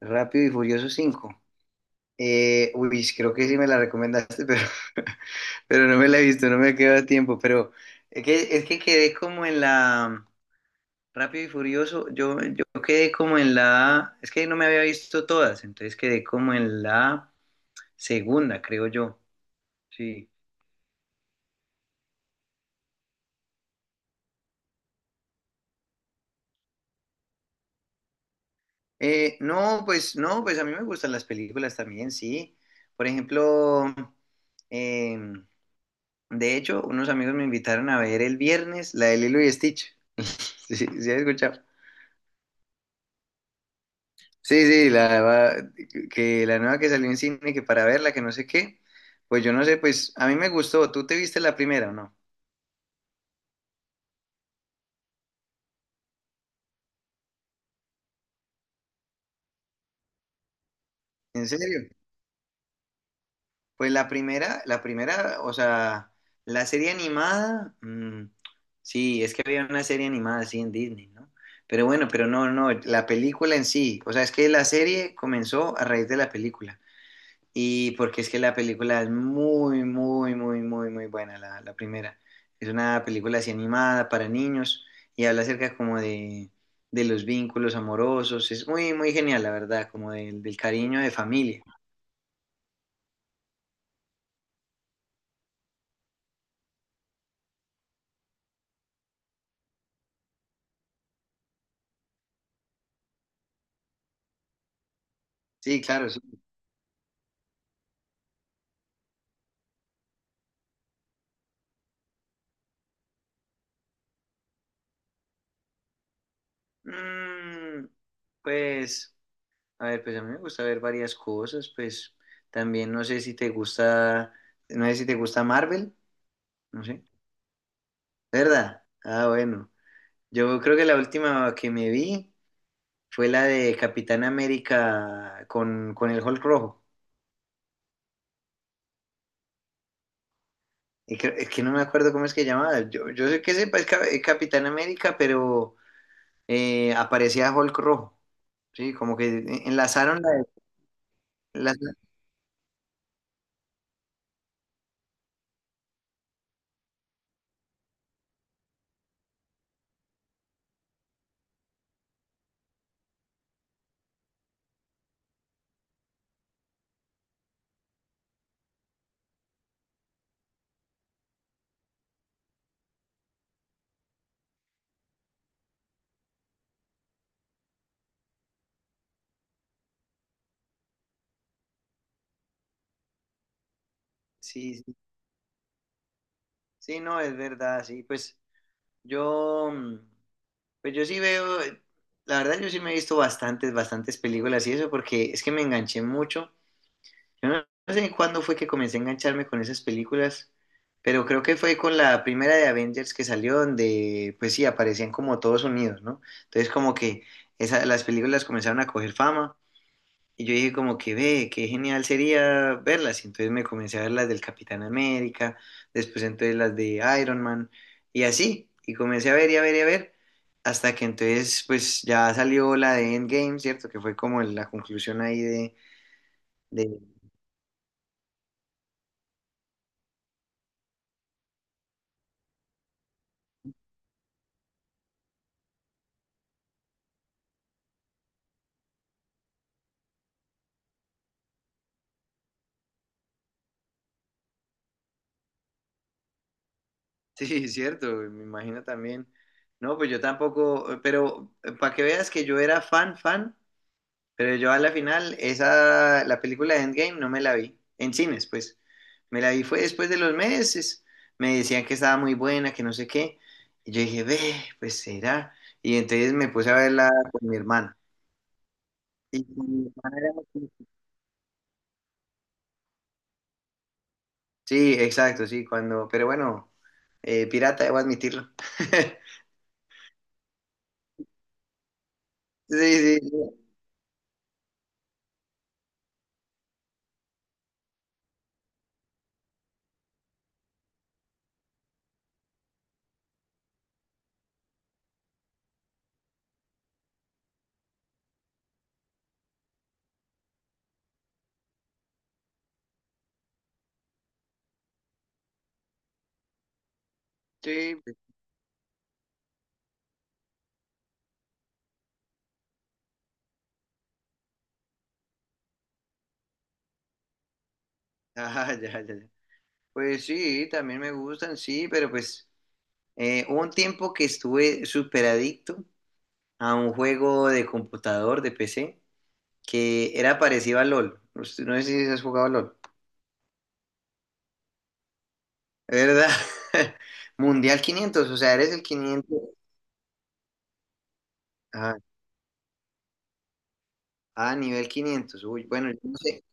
Rápido y Furioso 5. Uy, creo que sí me la recomendaste, pero no me la he visto, no me queda tiempo. Pero es que quedé como en la Rápido y Furioso. Yo quedé como en la. Es que no me había visto todas, entonces quedé como en la segunda, creo yo. Sí. No, pues no, pues a mí me gustan las películas también, sí. Por ejemplo, em, De hecho, unos amigos me invitaron a ver el viernes la de Lilo y Stitch. Sí, sí, sí, escuchado. Sí, sí, que la nueva que salió en cine, que para verla, que no sé qué. Pues yo no sé, pues a mí me gustó. ¿Tú te viste la primera o no? ¿En serio? Pues la primera, o sea, la serie animada, sí, es que había una serie animada así en Disney, ¿no? Pero bueno, pero no, no, la película en sí, o sea, es que la serie comenzó a raíz de la película. Y porque es que la película es muy, muy, muy, muy, muy buena, la primera. Es una película así animada para niños y habla acerca como de los vínculos amorosos. Es muy, muy genial, la verdad, como del cariño de familia. Sí, claro, sí. Mm, pues, a ver, pues a mí me gusta ver varias cosas, pues también no sé si te gusta, Marvel, no sé. ¿Verdad? Ah, bueno. Yo creo que la última que me vi fue la de Capitán América con el Hulk rojo. Es que no me acuerdo cómo es que llamaba. Yo sé que sepa es es Capitán América, pero aparecía Hulk rojo. Sí, como que enlazaron las- sí, sí, sí, no, es verdad, sí, pues yo, pues yo sí veo, la verdad yo sí me he visto bastantes películas y eso, porque es que me enganché mucho. Yo no sé cuándo fue que comencé a engancharme con esas películas, pero creo que fue con la primera de Avengers que salió, donde pues sí, aparecían como todos unidos, ¿no? Entonces como que las películas comenzaron a coger fama y yo dije como que ve, qué genial sería verlas. Y entonces me comencé a ver las del Capitán América, después entonces las de Iron Man y así. Y comencé a ver y a ver y a ver, hasta que entonces pues ya salió la de Endgame, ¿cierto? Que fue como la conclusión ahí de... Sí, cierto, me imagino también. No, pues yo tampoco, pero para que veas que yo era fan, fan, pero yo a la final, la película de Endgame no me la vi, en cines, pues. Me la vi fue después de los meses, me decían que estaba muy buena, que no sé qué, y yo dije, ve, pues será. Y entonces me puse a verla con mi hermana. Y con mi hermana era así. Sí, exacto, sí, pero bueno, pirata, debo admitirlo. Sí, sí, sí, sí, pues, ah, ya, ya, ya. Pues sí, también me gustan, sí, pero pues hubo un tiempo que estuve súper adicto a un juego de computador, de PC, que era parecido a LOL. No sé si has jugado a LOL. ¿Verdad? Mundial 500, o sea, eres el 500. Ah, ah, nivel 500. Uy, bueno, yo no sé.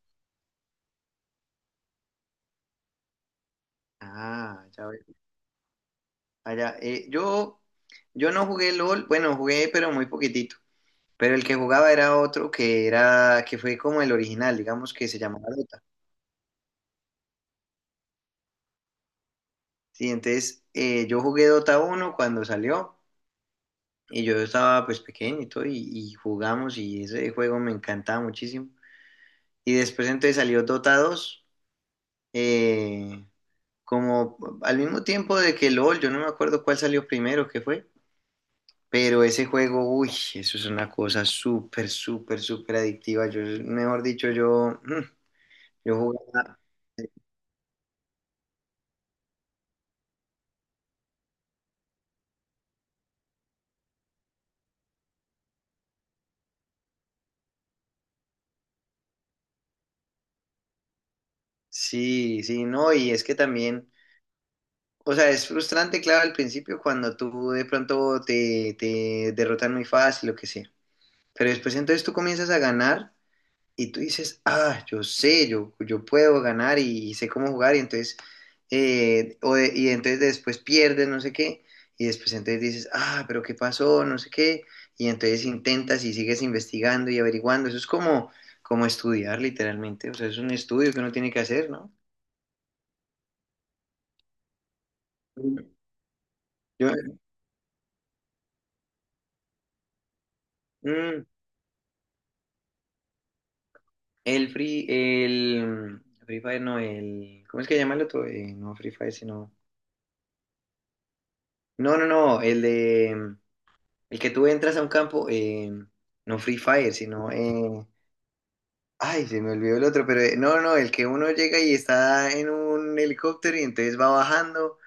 Ah, ya veo. Allá, yo no jugué LOL, bueno, jugué, pero muy poquitito. Pero el que jugaba era otro que era, que fue como el original, digamos que se llamaba. Sí, entonces yo jugué Dota 1 cuando salió y yo estaba pues pequeño y todo y jugamos y ese juego me encantaba muchísimo. Y después entonces salió Dota 2 eh, como al mismo tiempo de que LOL, yo no me acuerdo cuál salió primero, qué fue, pero ese juego, uy, eso es una cosa súper, súper, súper adictiva. Yo, mejor dicho, yo jugaba, sí, sí, no, y es que también... O sea, es frustrante, claro, al principio cuando tú de pronto te derrotan muy fácil, lo que sea. Pero después entonces tú comienzas a ganar y tú dices, ah, yo sé, yo puedo ganar y, sé cómo jugar y entonces, y entonces después pierdes, no sé qué, y después entonces dices, ah, pero ¿qué pasó? No sé qué. Y entonces intentas y sigues investigando y averiguando. Eso es como estudiar literalmente. O sea, es un estudio que uno tiene que hacer, ¿no? Mm. Yo, mm, el Free Fire, no, ¿cómo es que llama el otro? No Free Fire, sino, no, no, no, no, el que tú entras a un campo, no Free Fire, sino, ay, se me olvidó el otro, pero no, no, el que uno llega y está en un helicóptero y entonces va bajando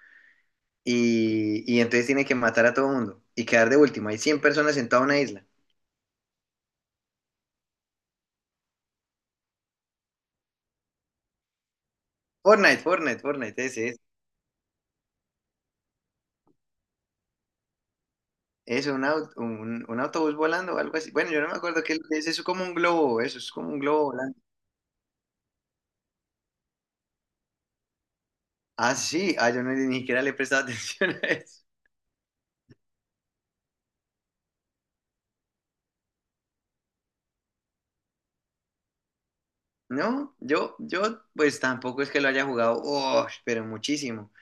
y entonces tiene que matar a todo el mundo y quedar de último. Hay 100 personas en toda una isla. Fortnite, Fortnite, Fortnite, ese es. Eso, un autobús volando o algo así. Bueno, yo no me acuerdo qué es, eso es como un globo, eso es como un globo. Ah, sí, ah, yo no, ni siquiera le he prestado atención a eso. No, pues tampoco es que lo haya jugado, oh, pero muchísimo.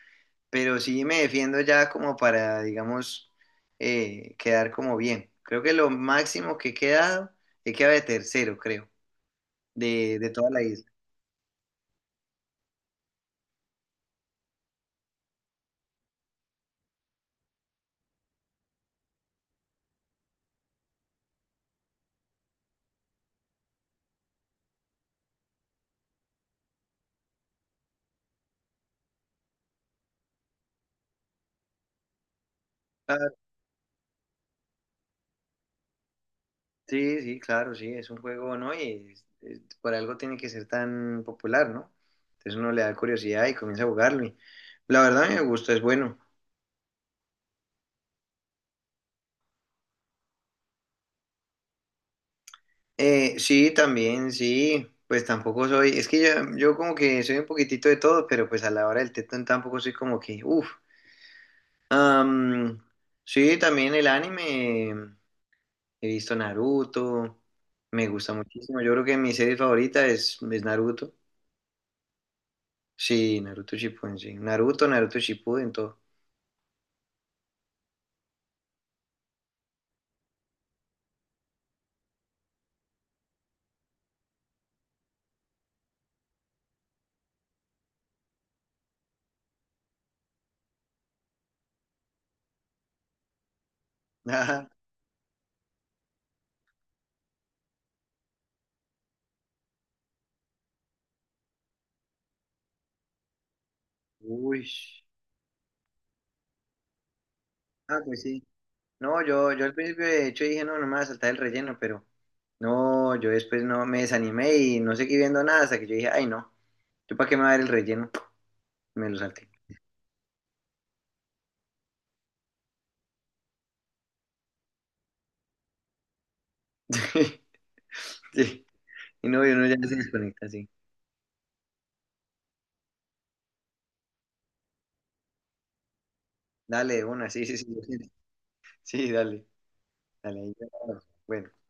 Pero sí me defiendo ya como para, digamos, quedar como bien. Creo que lo máximo que he quedado de tercero, creo, de toda la isla. Claro, sí, sí, claro, sí, es un juego, ¿no? Y por algo tiene que ser tan popular, ¿no? Entonces uno le da curiosidad y comienza a jugarlo. Y la verdad a mí me gusta, es bueno. Sí, también, sí. Pues tampoco soy, es que yo como que soy un poquitito de todo, pero pues a la hora del tetón tampoco soy como que, uff. Am, sí, también el anime, he visto Naruto, me gusta muchísimo. Yo creo que mi serie favorita es Naruto. Sí, Naruto Shippuden, sí. Naruto, Naruto Shippuden, todo. Ajá. Uy. Ah, pues sí. No, yo al principio de hecho dije, no, no me voy a saltar el relleno, pero no, yo después no me desanimé y no seguí viendo nada hasta que yo dije, ay, no, ¿yo para qué me va a ver el relleno? Me lo salté. Sí. Y no, y uno ya se desconecta, sí. Dale, sí, sí, sí, lo siento. Sí, dale, dale. Ahí ya. Bueno.